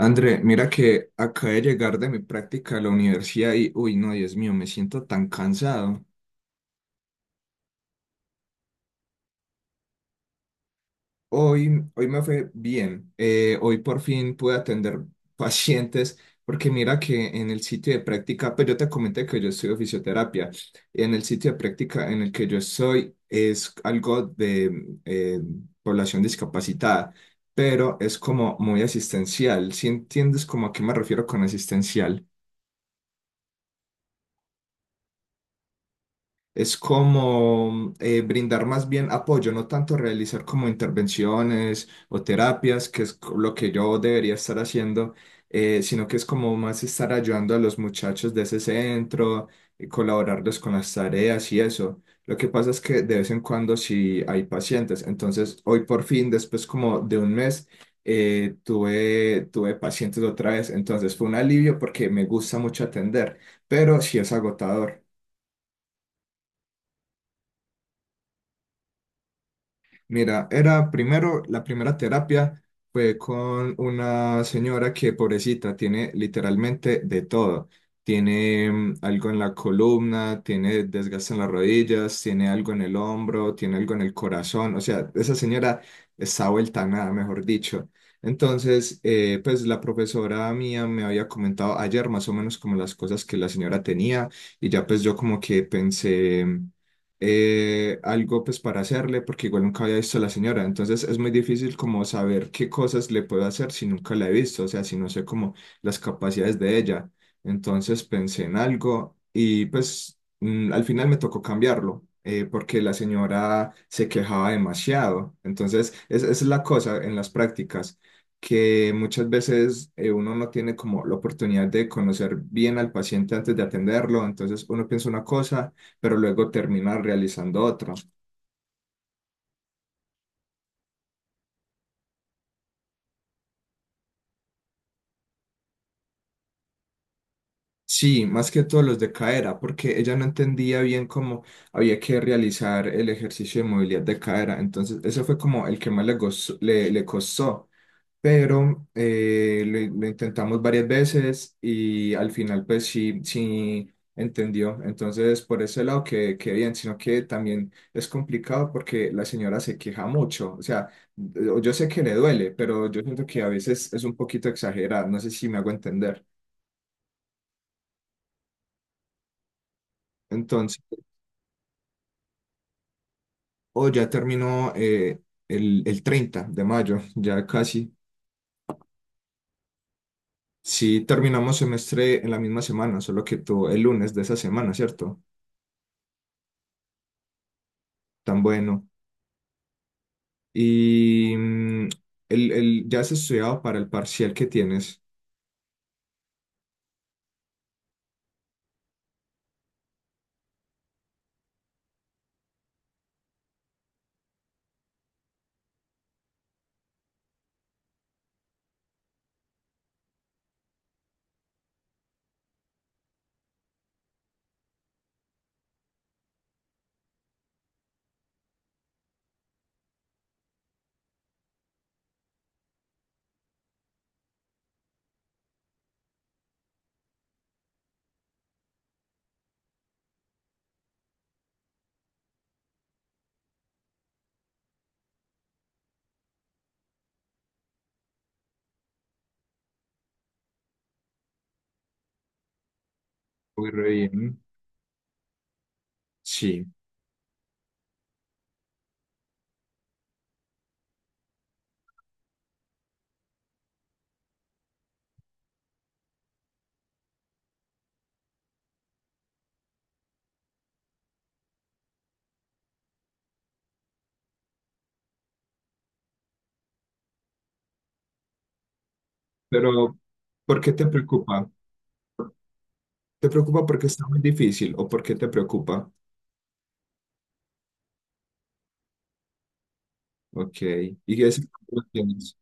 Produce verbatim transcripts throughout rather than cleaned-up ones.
André, mira que acabé de llegar de mi práctica a la universidad y, uy, no, Dios mío, me siento tan cansado. Hoy, hoy me fue bien. Eh, hoy por fin pude atender pacientes, porque mira que en el sitio de práctica, pues yo te comenté que yo estudio fisioterapia. En el sitio de práctica en el que yo estoy es algo de eh, población discapacitada, pero es como muy asistencial. ¿Si entiendes como a qué me refiero con asistencial? Es como eh, brindar más bien apoyo, no tanto realizar como intervenciones o terapias, que es co- lo que yo debería estar haciendo, eh, sino que es como más estar ayudando a los muchachos de ese centro, y colaborarles con las tareas y eso. Lo que pasa es que de vez en cuando sí hay pacientes. Entonces, hoy por fin, después como de un mes, eh, tuve, tuve pacientes otra vez. Entonces, fue un alivio porque me gusta mucho atender, pero sí es agotador. Mira, era primero, la primera terapia fue con una señora que, pobrecita, tiene literalmente de todo. Tiene mm, algo en la columna, tiene desgaste en las rodillas, tiene algo en el hombro, tiene algo en el corazón. O sea, esa señora está vuelta a nada, mejor dicho. Entonces, eh, pues la profesora mía me había comentado ayer más o menos como las cosas que la señora tenía y ya pues yo como que pensé mm, eh, algo pues para hacerle, porque igual nunca había visto a la señora, entonces es muy difícil como saber qué cosas le puedo hacer si nunca la he visto, o sea, si no sé como las capacidades de ella. Entonces pensé en algo y pues mm, al final me tocó cambiarlo. Eh, porque la señora se quejaba demasiado. Entonces, es- esa es la cosa en las prácticas, que muchas veces eh, uno no tiene como la oportunidad de conocer bien al paciente antes de atenderlo. Entonces, uno piensa una cosa pero luego termina realizando otra. Sí, más que todo los de cadera, porque ella no entendía bien cómo había que realizar el ejercicio de movilidad de cadera. Entonces, ese fue como el que más le, gozó- le, le costó. Pero eh, lo, lo intentamos varias veces y al final pues sí, sí entendió. Entonces por ese lado que, que bien, sino que también es complicado porque la señora se queja mucho. O sea, yo yo sé que le duele, pero yo siento que a veces es un poquito exagerada. No sé si me hago entender. Entonces, o ya terminó eh, el, el treinta de mayo, ya casi. Sí, terminamos semestre en la misma semana, solo que tú el lunes de esa semana, ¿cierto? Tan bueno. Y mm, el, el- ya has estudiado para el parcial que tienes. Muy re bien. Sí, pero ¿por qué te preocupa? ¿Te preocupa porque está muy difícil o por qué te preocupa? Ok. ¿Y ese cuándo lo tienes?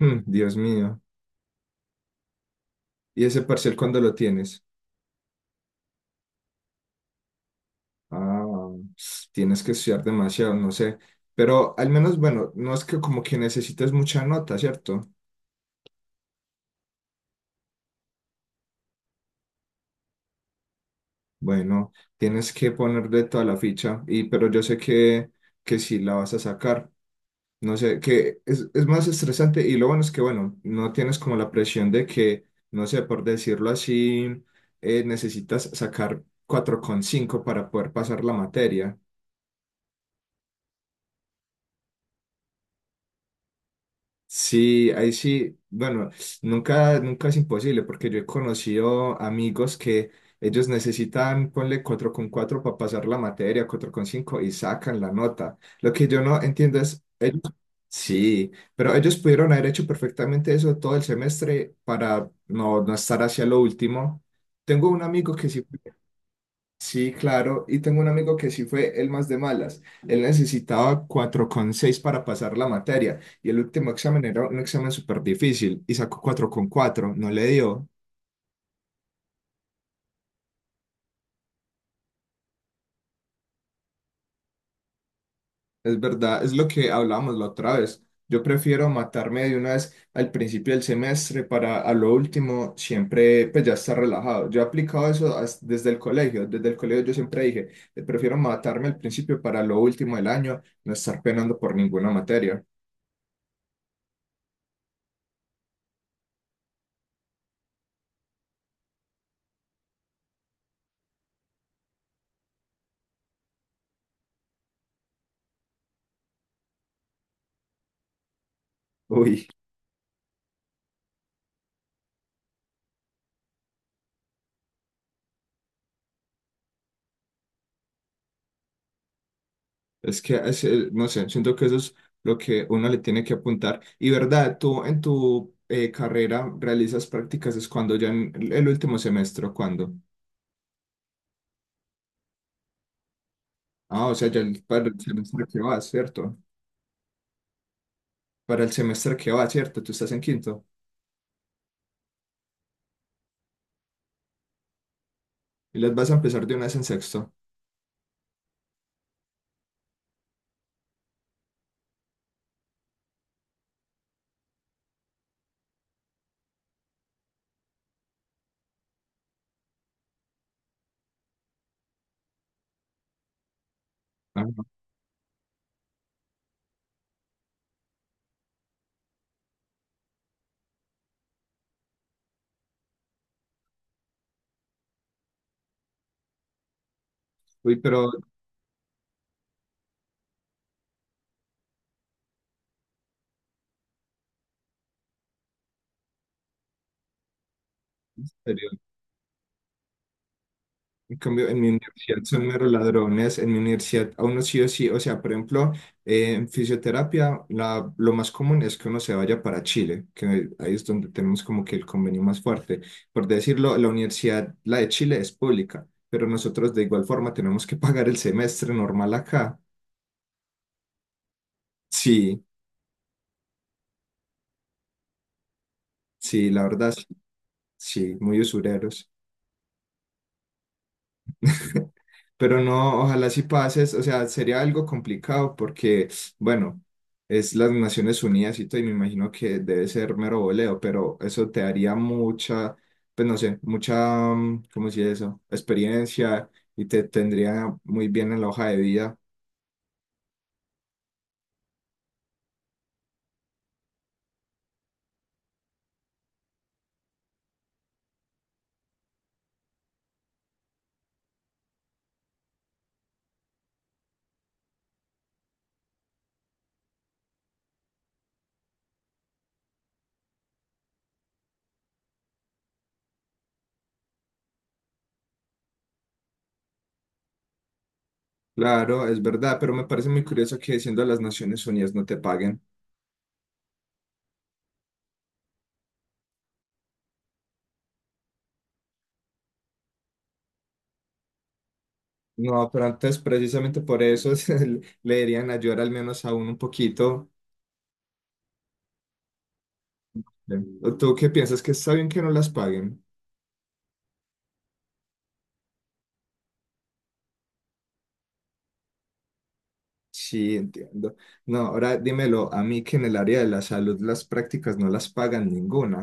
Mm, Dios mío. ¿Y ese parcial cuándo lo tienes? Ah, tienes que estudiar demasiado, no sé. Pero al menos, bueno, no es que como que necesites mucha nota, ¿cierto? Bueno, tienes que ponerle toda la ficha, y, pero yo sé que, que sí la vas a sacar. No sé, que es, es más estresante y lo bueno es que, bueno, no tienes como la presión de que, no sé, por decirlo así, eh, necesitas sacar cuatro coma cinco para poder pasar la materia. Sí, ahí sí, bueno, nunca, nunca es imposible porque yo he conocido amigos que ellos necesitan, ponle cuatro con cuatro para pasar la materia, cuatro con cinco y sacan la nota. Lo que yo no entiendo es, ellos, sí, pero ellos pudieron haber hecho perfectamente eso todo el semestre para no, no estar hacia lo último. Tengo un amigo que sí. Sí, claro, y tengo un amigo que sí fue el más de malas. Él necesitaba cuatro coma seis para pasar la materia y el último examen era un examen súper difícil y sacó cuatro coma cuatro. No le dio. Es verdad, es lo que hablábamos la otra vez. Yo prefiero matarme de una vez al principio del semestre para a lo último siempre pues ya estar relajado. Yo he aplicado eso as- desde el colegio. Desde el colegio yo siempre dije, eh, prefiero matarme al principio para lo último del año, no estar penando por ninguna materia. Uy. Es que, es, eh, no sé, siento que eso es lo que uno le tiene que apuntar. Y verdad, tú en tu eh, carrera realizas prácticas, es cuando ya en el el último semestre, ¿o cuándo? Ah, o sea, ya el- para el semestre que va, ¿cierto? Para el semestre que va, ¿cierto? Tú estás en quinto y las vas a empezar de una vez en sexto. Ajá. Uy, pero en serio, en cambio, en mi universidad son meros ladrones, en mi universidad a uno sí o sí, o sea, por ejemplo, eh, en fisioterapia la, lo más común es que uno se vaya para Chile, que ahí es donde tenemos como que el convenio más fuerte. Por decirlo, la universidad, la de Chile es pública, pero nosotros de igual forma tenemos que pagar el semestre normal acá. Sí, sí, la verdad, sí, sí, muy usureros. Pero no, ojalá si pases, o sea, sería algo complicado porque, bueno, es las Naciones Unidas y todo, y me imagino que debe ser mero voleo, pero eso te daría mucha, pues no sé, mucha, mm, ¿cómo se dice eso? Experiencia y te tendría muy bien en la hoja de vida. Claro, es verdad, pero me parece muy curioso que siendo las Naciones Unidas no te paguen. No, pero antes precisamente por eso se- le deberían ayudar al menos a uno un poquito. ¿O ¿tú qué piensas que está bien que no las paguen? Sí, entiendo. No, ahora dímelo a mí que en el área de la salud las prácticas no las pagan ninguna.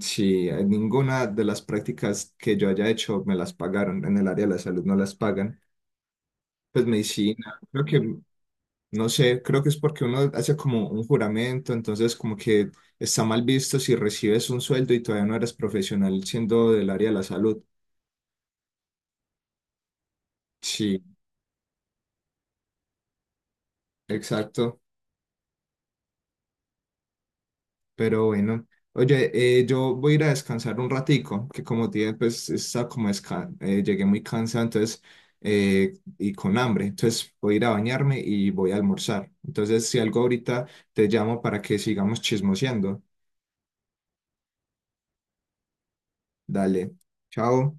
Sí, eh, ninguna de las prácticas que yo haya hecho me las pagaron. En el área de la salud no las pagan. Pues medicina, creo que, no sé, creo que es porque uno hace como un juramento, entonces como que está mal visto si recibes un sueldo y todavía no eres profesional siendo del área de la salud. Sí, exacto. Pero bueno, oye, eh, yo voy a ir a descansar un ratico, que como te dije, pues está como desca- eh, llegué muy cansado, entonces, eh, y con hambre, entonces voy a ir a bañarme y voy a almorzar. Entonces, si algo ahorita te llamo para que sigamos chismoseando. Dale, chao.